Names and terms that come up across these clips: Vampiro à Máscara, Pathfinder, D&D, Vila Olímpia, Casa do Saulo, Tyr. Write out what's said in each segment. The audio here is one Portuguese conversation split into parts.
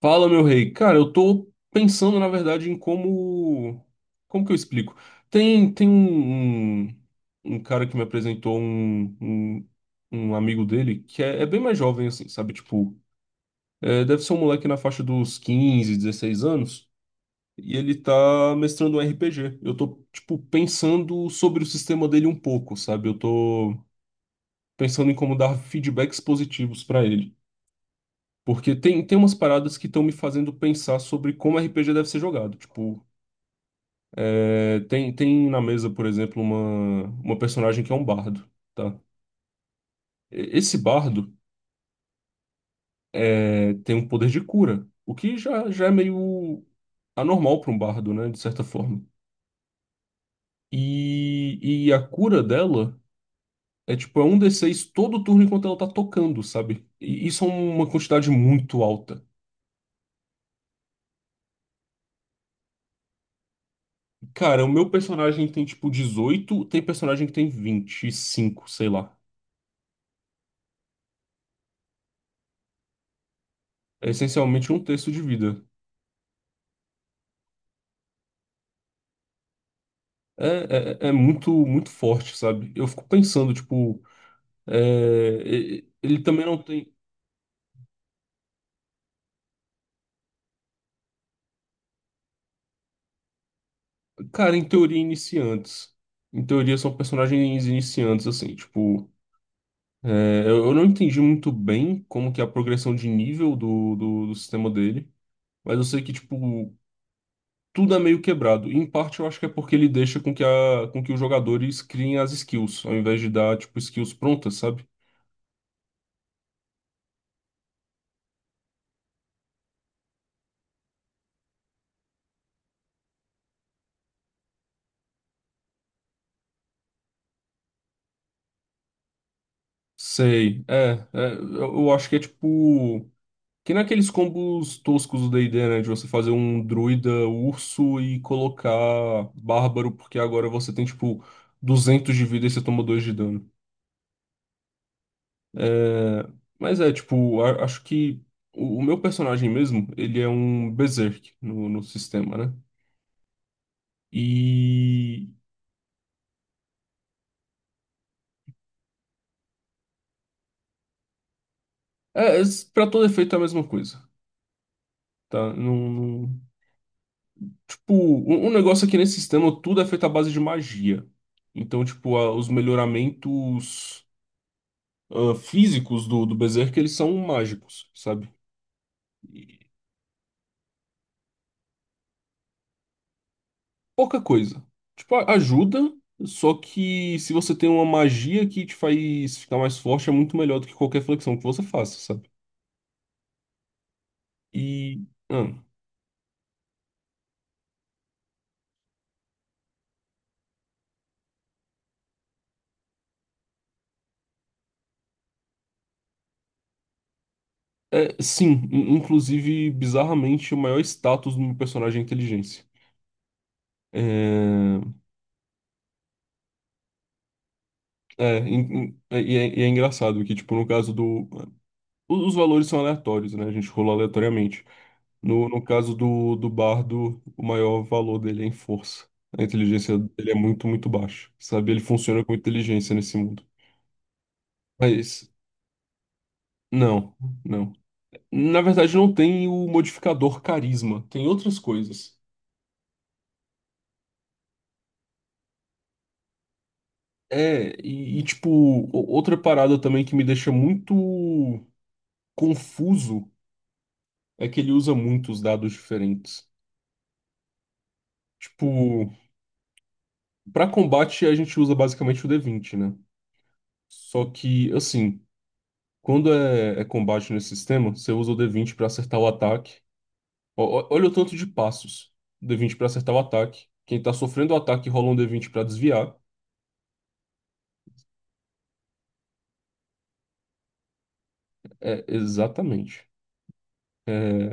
Fala, meu rei. Cara, eu tô pensando, na verdade, em Como que eu explico? Tem um cara que me apresentou um amigo dele que é bem mais jovem, assim, sabe? Tipo, deve ser um moleque na faixa dos 15, 16 anos, e ele tá mestrando um RPG. Eu tô, tipo, pensando sobre o sistema dele um pouco, sabe? Eu tô pensando em como dar feedbacks positivos pra ele. Porque tem umas paradas que estão me fazendo pensar sobre como RPG deve ser jogado. Tipo, tem na mesa, por exemplo, uma personagem que é um bardo, tá? Esse bardo é, tem um poder de cura, o que já é meio anormal para um bardo, né? De certa forma. E, e a cura dela é tipo, é um d seis todo turno enquanto ela tá tocando, sabe? E isso é uma quantidade muito alta. Cara, o meu personagem tem tipo 18, tem personagem que tem 25, sei lá. É essencialmente um terço de vida. É muito, muito forte, sabe? Eu fico pensando, tipo, ele também não tem. Cara, em teoria, iniciantes. Em teoria, são personagens iniciantes, assim, tipo. Eu não entendi muito bem como que é a progressão de nível do sistema dele. Mas eu sei que tudo é meio quebrado. E, em parte eu acho que é porque ele deixa com que, a, com que os jogadores criem as skills, ao invés de dar, tipo, skills prontas, sabe? Sei, eu acho que é tipo. Que nem aqueles combos toscos do D&D, né? De você fazer um druida urso e colocar bárbaro, porque agora você tem, tipo, 200 de vida e você toma 2 de dano. É, mas é, tipo, acho que o meu personagem mesmo, ele é um berserk no sistema, né? E é, pra todo efeito é a mesma coisa, tá? Tipo, um negócio aqui nesse sistema, tudo é feito à base de magia. Então, tipo, os melhoramentos físicos do Berserk, eles são mágicos, sabe? E pouca coisa. Tipo, ajuda, só que se você tem uma magia que te faz ficar mais forte, é muito melhor do que qualquer flexão que você faça, sabe? E... ah, é, sim, inclusive, bizarramente, o maior status do meu personagem é inteligência. É, e é engraçado que, tipo, no caso do. Os valores são aleatórios, né? A gente rolou aleatoriamente. No caso do bardo, o maior valor dele é em força. A inteligência dele é muito, muito baixa, sabe? Ele funciona com inteligência nesse mundo. Mas, não, não. Na verdade, não tem o modificador carisma, tem outras coisas. É, tipo, outra parada também que me deixa muito confuso é que ele usa muitos dados diferentes. Tipo, pra combate a gente usa basicamente o D20, né? Só que, assim, quando é combate nesse sistema, você usa o D20 pra acertar o ataque. Ó, ó, olha o tanto de passos. D20 pra acertar o ataque. Quem tá sofrendo o ataque rola um D20 pra desviar. É, exatamente. É,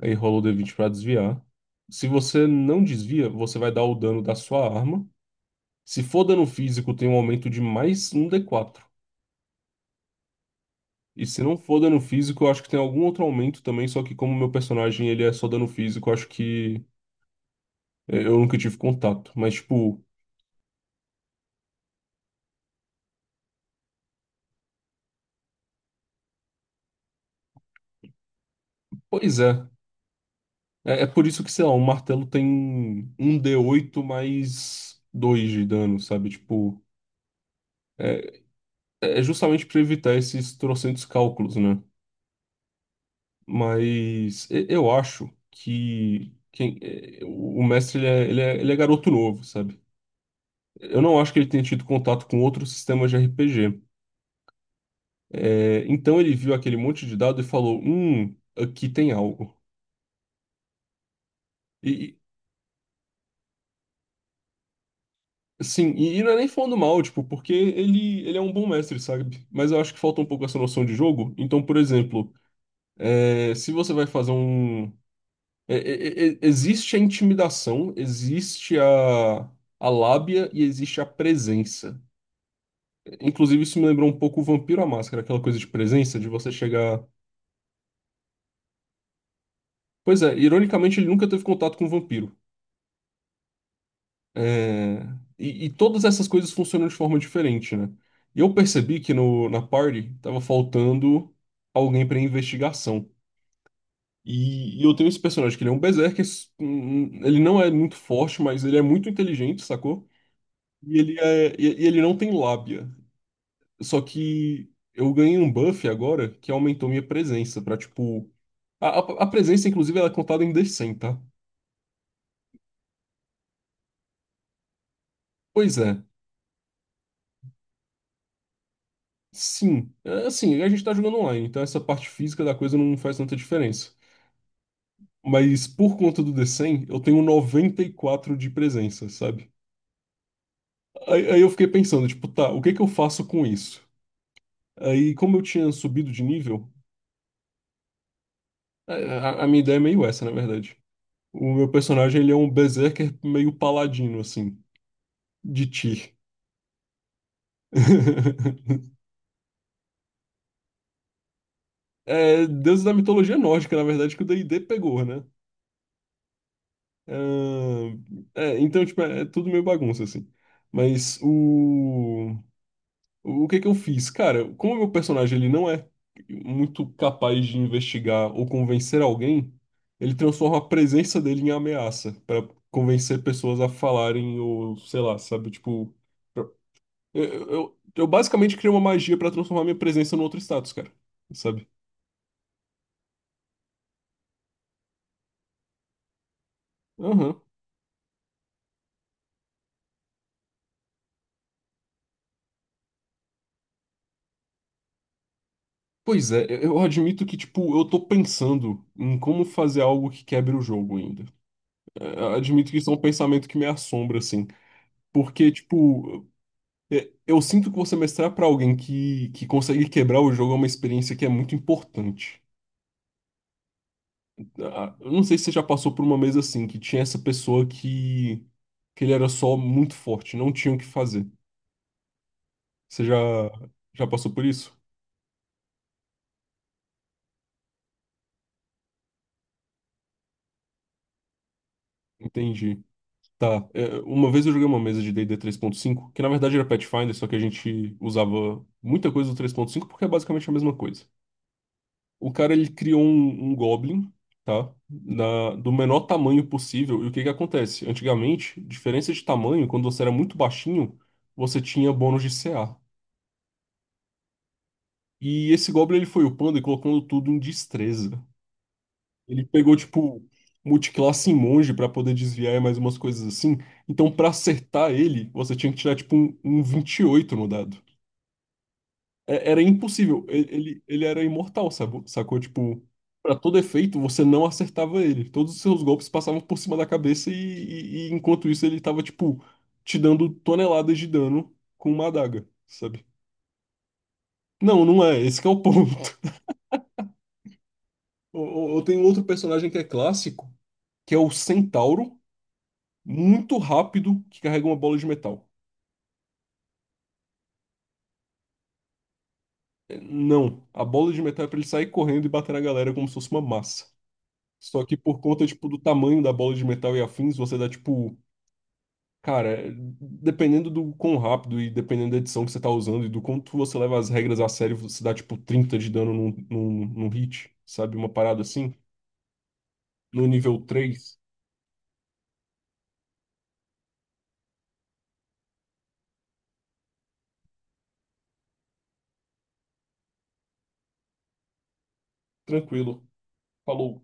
aí rola o D20 pra desviar. Se você não desvia, você vai dar o dano da sua arma. Se for dano físico, tem um aumento de mais um D4. E se não for dano físico, eu acho que tem algum outro aumento também, só que como meu personagem ele é só dano físico, eu acho que eu nunca tive contato. Mas, tipo, pois é. É, é por isso que, sei lá, o martelo tem um d oito mais 2 de dano, sabe? Tipo, é, é justamente pra evitar esses trocentos cálculos, né? Mas eu acho que quem, é, o mestre ele é garoto novo, sabe? Eu não acho que ele tenha tido contato com outros sistemas de RPG. É, então ele viu aquele monte de dado e falou: aqui tem algo. E, e não é nem falando mal, tipo, porque ele é um bom mestre, sabe? Mas eu acho que falta um pouco essa noção de jogo. Então, por exemplo, é, se você vai fazer um. Existe a intimidação, existe a lábia e existe a presença. Inclusive, isso me lembrou um pouco o Vampiro à Máscara, aquela coisa de presença, de você chegar. Pois é, ironicamente, ele nunca teve contato com o vampiro. É, e todas essas coisas funcionam de forma diferente, né? E eu percebi que no, na party tava faltando alguém pra investigação. E eu tenho esse personagem que ele é um berserker, ele não é muito forte, mas ele é muito inteligente, sacou? E ele, e ele não tem lábia. Só que eu ganhei um buff agora que aumentou minha presença pra, tipo... a presença, inclusive, ela é contada em D100, tá? Pois é. Sim, é, assim, a gente tá jogando online, então essa parte física da coisa não faz tanta diferença. Mas por conta do D100, eu tenho 94 de presença, sabe? Aí eu fiquei pensando, tipo, tá, o que que eu faço com isso? Aí, como eu tinha subido de nível, a minha ideia é meio essa, na verdade. O meu personagem, ele é um berserker meio paladino, assim, de Tyr. É, deus da mitologia nórdica, na verdade, que o D&D pegou, né. Ah, é, então, tipo, é, é tudo meio bagunça, assim. Mas o que que eu fiz? Cara, como o meu personagem ele não é muito capaz de investigar ou convencer alguém, ele transforma a presença dele em ameaça pra convencer pessoas a falarem ou, sei lá, sabe? Tipo, pra- eu, eu basicamente criei uma magia pra transformar minha presença num outro status, cara. Sabe? Aham. Pois é, eu admito que, tipo, eu tô pensando em como fazer algo que quebre o jogo ainda. É, eu admito que isso é um pensamento que me assombra, assim. Porque, tipo, é, eu sinto que você mestrar pra alguém que consegue quebrar o jogo é uma experiência que é muito importante. Ah, eu não sei se você já passou por uma mesa assim, que tinha essa pessoa que ele era só muito forte, não tinha o que fazer. Você já passou por isso? Entendi. Tá. É, uma vez eu joguei uma mesa de D&D 3.5, que na verdade era Pathfinder, só que a gente usava muita coisa do 3.5 porque é basicamente a mesma coisa. O cara ele criou um Goblin, tá? Do menor tamanho possível. E o que que acontece? Antigamente, diferença de tamanho, quando você era muito baixinho, você tinha bônus de CA. E esse Goblin ele foi upando e colocando tudo em destreza. Ele pegou, tipo, multiclasse em monge pra poder desviar e mais umas coisas assim. Então, pra acertar ele, você tinha que tirar, tipo, um 28 no dado. Era impossível. Ele era imortal, sabe? Sacou? Tipo, pra todo efeito, você não acertava ele. Todos os seus golpes passavam por cima da cabeça e enquanto isso ele tava, tipo, te dando toneladas de dano com uma adaga, sabe? Não, não é. Esse que é o ponto. Eu tenho outro personagem que é clássico, que é o Centauro, muito rápido, que carrega uma bola de metal. É, não, a bola de metal é pra ele sair correndo e bater na galera como se fosse uma massa. Só que por conta, tipo, do tamanho da bola de metal e afins, você dá, tipo, cara, dependendo do quão rápido e dependendo da edição que você tá usando e do quanto você leva as regras a sério, você dá, tipo, 30 de dano num hit, sabe? Uma parada assim, no nível três. Tranquilo. Falou.